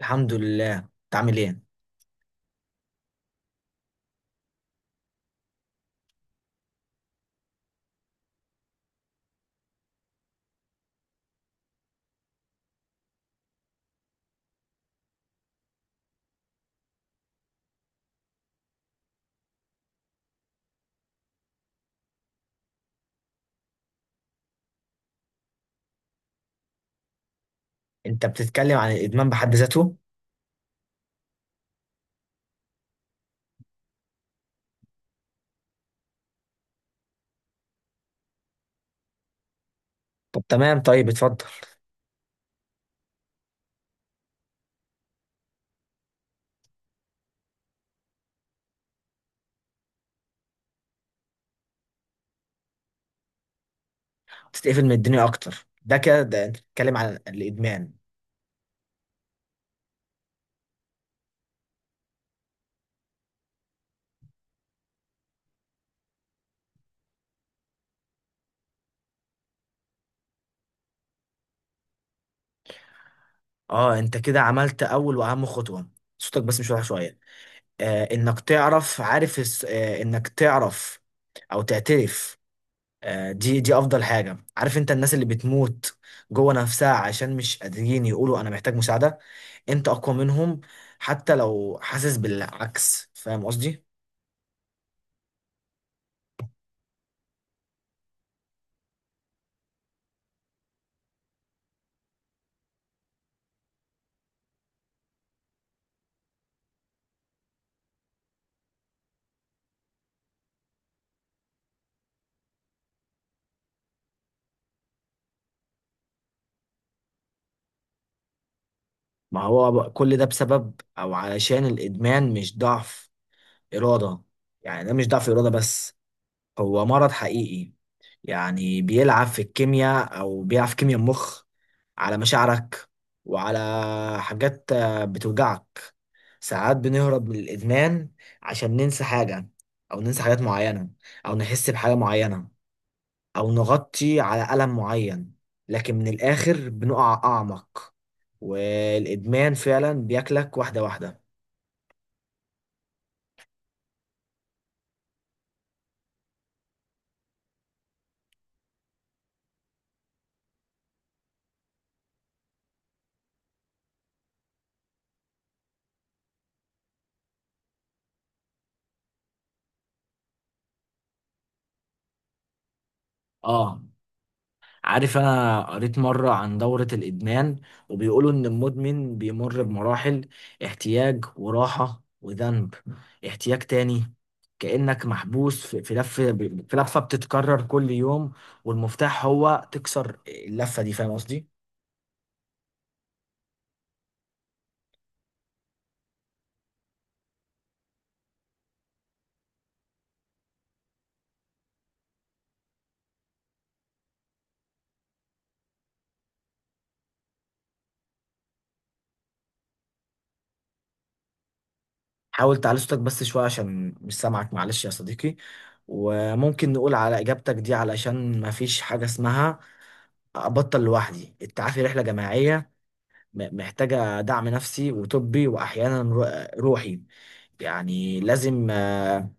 الحمد لله، انت عامل ايه؟ انت بتتكلم عن الادمان بحد ذاته؟ طب تمام، طيب اتفضل. تتقفل من الدنيا اكتر، ده كده، ده انت بتتكلم عن الادمان. اه، انت كده عملت اول واهم خطوه. صوتك بس مش واضح شويه. انك تعرف، عارف انك تعرف او تعترف. آه، دي افضل حاجه. عارف انت، الناس اللي بتموت جوه نفسها عشان مش قادرين يقولوا انا محتاج مساعده. انت اقوى منهم، حتى لو حاسس بالعكس، فاهم قصدي؟ ما هو بقى كل ده بسبب او علشان الادمان، مش ضعف اراده. يعني ده مش ضعف اراده بس، هو مرض حقيقي. يعني بيلعب في الكيمياء، او بيلعب في كيمياء المخ، على مشاعرك، وعلى حاجات بتوجعك. ساعات بنهرب من الادمان عشان ننسى حاجه، او ننسى حاجات معينه، او نحس بحاجه معينه، أو نغطي على ألم معين. لكن من الآخر بنقع أعمق، والإدمان فعلا بياكلك واحدة واحدة. اه، عارف، انا قريت مرة عن دورة الادمان، وبيقولوا ان المدمن بيمر بمراحل: احتياج وراحة وذنب، احتياج تاني. كأنك محبوس في لفة، في لفة بتتكرر كل يوم. والمفتاح هو تكسر اللفة دي، فاهم قصدي؟ حاول تعلي صوتك بس شوية عشان مش سامعك، معلش يا صديقي. وممكن نقول على إجابتك دي، علشان ما فيش حاجة اسمها أبطل لوحدي. التعافي رحلة جماعية، محتاجة دعم نفسي وطبي، وأحيانا روحي. يعني لازم آه،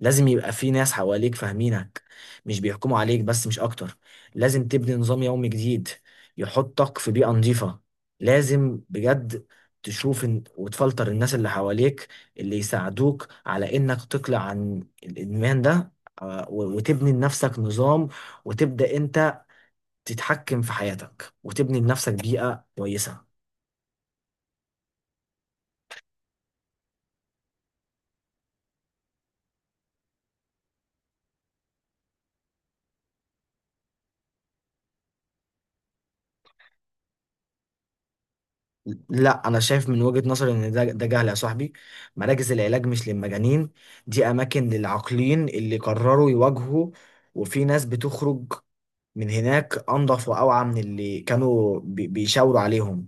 لازم يبقى في ناس حواليك فاهمينك، مش بيحكموا عليك، بس مش اكتر. لازم تبني نظام يومي جديد، يحطك في بيئة نظيفة. لازم بجد تشوف وتفلتر الناس اللي حواليك، اللي يساعدوك على انك تقلع عن الادمان ده. وتبني لنفسك نظام، وتبدأ انت تتحكم في حياتك، وتبني لنفسك بيئة كويسة. لا، انا شايف من وجهة نظري ان ده جهل يا صاحبي. مراكز العلاج مش للمجانين، دي اماكن للعاقلين اللي قرروا يواجهوا. وفي ناس بتخرج من هناك انضف واوعى من اللي كانوا بيشاوروا عليهم.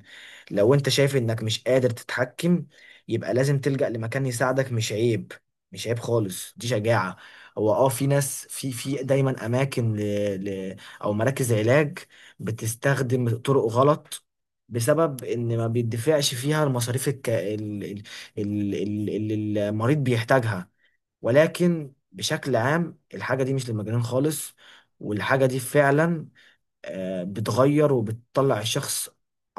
لو انت شايف انك مش قادر تتحكم، يبقى لازم تلجأ لمكان يساعدك. مش عيب، مش عيب خالص، دي شجاعة. هو اه، في ناس، في دايما اماكن ل... او مراكز علاج بتستخدم طرق غلط، بسبب ان ما بيدفعش فيها المصاريف الك... ال... ال... ال... ال- اللي المريض بيحتاجها. ولكن بشكل عام، الحاجة دي مش للمجانين خالص. والحاجة دي فعلا بتغير وبتطلع الشخص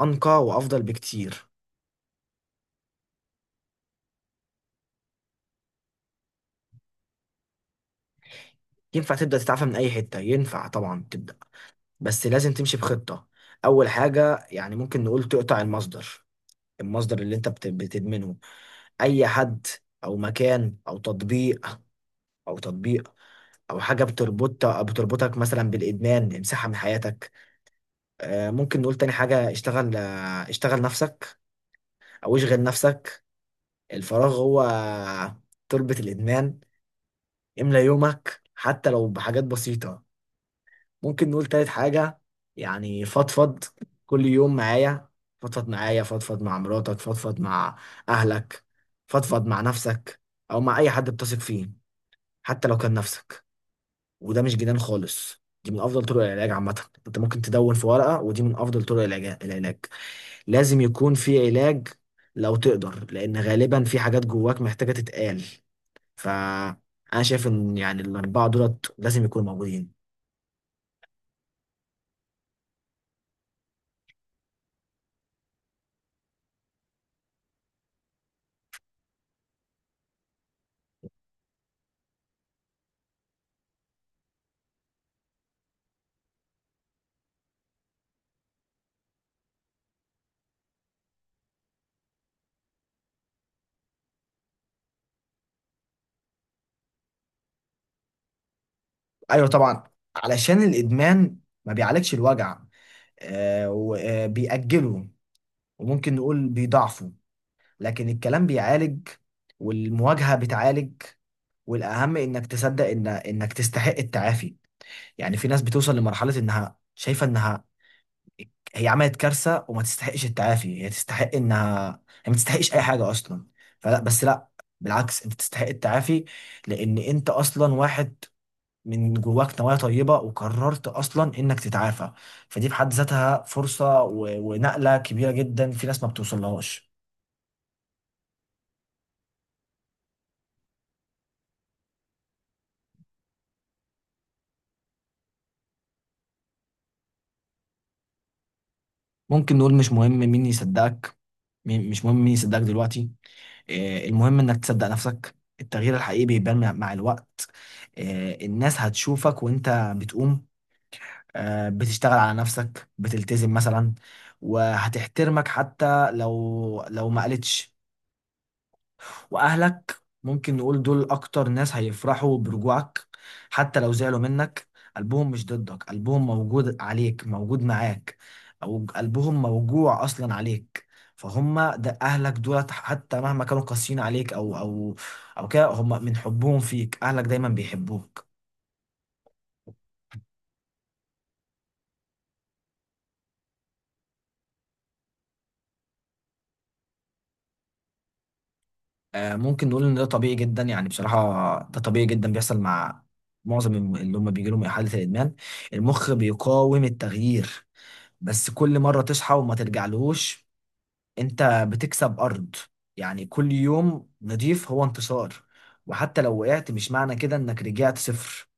أنقى وأفضل بكتير. ينفع تبدأ تتعافى من أي حتة، ينفع طبعا تبدأ، بس لازم تمشي بخطة. أول حاجة، يعني ممكن نقول تقطع المصدر. المصدر اللي أنت بتدمنه. أي حد، أو مكان، أو تطبيق، أو تطبيق أو حاجة بتربطك مثلا بالإدمان، امسحها من حياتك. ممكن نقول تاني حاجة، اشتغل نفسك، أو اشغل نفسك. الفراغ هو تربة الإدمان، املى يومك حتى لو بحاجات بسيطة. ممكن نقول تالت حاجة، يعني فضفض. كل يوم معايا، فضفض معايا، فضفض مع مراتك، فضفض مع أهلك، فضفض مع نفسك، أو مع أي حد بتثق فيه، حتى لو كان نفسك. وده مش جنان خالص، دي من افضل طرق العلاج عامه. انت ممكن تدون في ورقه، ودي من افضل طرق العلاج. لازم يكون في علاج، لو تقدر، لان غالبا في حاجات جواك محتاجه تتقال. فانا شايف ان يعني الاربعه دولت لازم يكونوا موجودين. ايوه طبعا، علشان الادمان ما بيعالجش الوجع، وبيأجله، وممكن نقول بيضعفه. لكن الكلام بيعالج، والمواجهه بتعالج، والاهم انك تصدق ان انك تستحق التعافي. يعني في ناس بتوصل لمرحلة انها شايفة انها هي عملت كارثة وما تستحقش التعافي، هي تستحق انها، هي ما تستحقش اي حاجة اصلا. فلا، بس لا، بالعكس، انت تستحق التعافي. لان انت اصلا واحد من جواك نوايا طيبة، وقررت اصلا انك تتعافى. فدي في حد ذاتها فرصة ونقلة كبيرة جدا في ناس ما بتوصلهاش. ممكن نقول مش مهم مين يصدقك، مش مهم مين يصدقك دلوقتي. المهم انك تصدق نفسك. التغيير الحقيقي بيبان مع الوقت. الناس هتشوفك وانت بتقوم، بتشتغل على نفسك، بتلتزم مثلا، وهتحترمك حتى لو ما قالتش. واهلك ممكن نقول دول اكتر ناس هيفرحوا برجوعك، حتى لو زعلوا منك. قلبهم مش ضدك، قلبهم موجود عليك، موجود معاك، او قلبهم موجوع اصلا عليك. فهم ده، اهلك دولت حتى مهما كانوا قاسيين عليك، او كده، هم من حبهم فيك، اهلك دايما بيحبوك. ممكن نقول ان ده طبيعي جدا، يعني بصراحة ده طبيعي جدا، بيحصل مع معظم اللي هم بيجي لهم إحالة الإدمان. المخ بيقاوم التغيير، بس كل مرة تصحى وما ترجعلهوش، انت بتكسب أرض. يعني كل يوم نضيف هو انتصار، وحتى لو وقعت مش معنى كده انك رجعت صفر.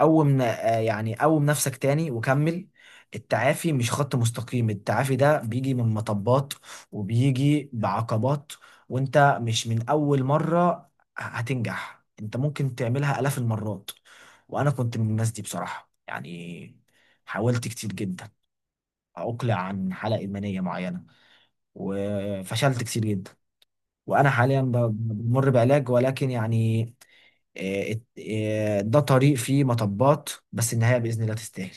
قوم ن- آه، يعني قوم نفسك تاني وكمل. التعافي مش خط مستقيم، التعافي ده بيجي من مطبات، وبيجي بعقبات. وانت مش من أول مرة هتنجح، انت ممكن تعملها آلاف المرات. وانا كنت من الناس دي بصراحة، يعني حاولت كتير جدا عقلة عن حالة إدمانية معينة، وفشلت كتير جدا، وأنا حاليا بمر بعلاج. ولكن يعني آه، ات- ده طريق فيه مطبات، بس النهاية بإذن الله تستاهل.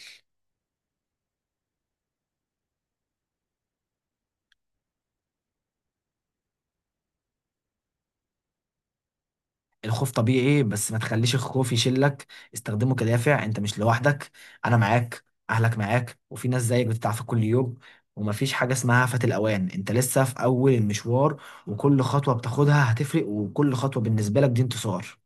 الخوف طبيعي، بس ما تخليش الخوف يشلك، استخدمه كدافع. انت مش لوحدك، انا معاك، اهلك معاك، وفي ناس زيك بتتعافى كل يوم. ومفيش حاجة اسمها فات الأوان، انت لسه في أول المشوار. وكل خطوة بتاخدها هتفرق، وكل خطوة بالنسبة لك دي انتصار.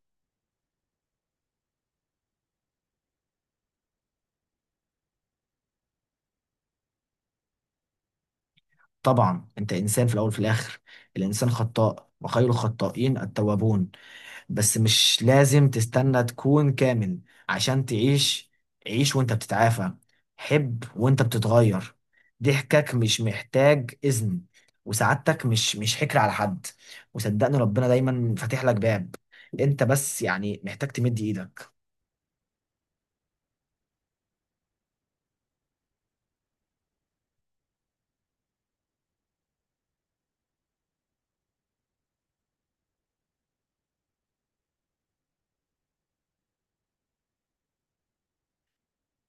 طبعا، انت انسان في الاول وفي الاخر، الانسان خطاء وخير الخطائين التوابون. بس مش لازم تستنى تكون كامل عشان تعيش. عيش وانت بتتعافى، حب وانت بتتغير. ضحكك مش محتاج اذن، وسعادتك مش حكر على حد. وصدقني، ربنا دايما فاتح لك باب، انت بس يعني محتاج تمد ايدك.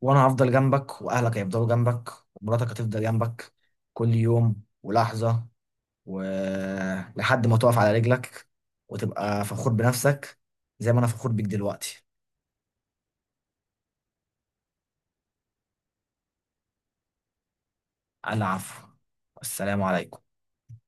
وانا هفضل جنبك، واهلك هيفضلوا جنبك، ومراتك هتفضل جنبك، كل يوم ولحظة، ولحد ما تقف على رجلك وتبقى فخور بنفسك، زي ما انا فخور بيك دلوقتي. العفو، السلام عليكم.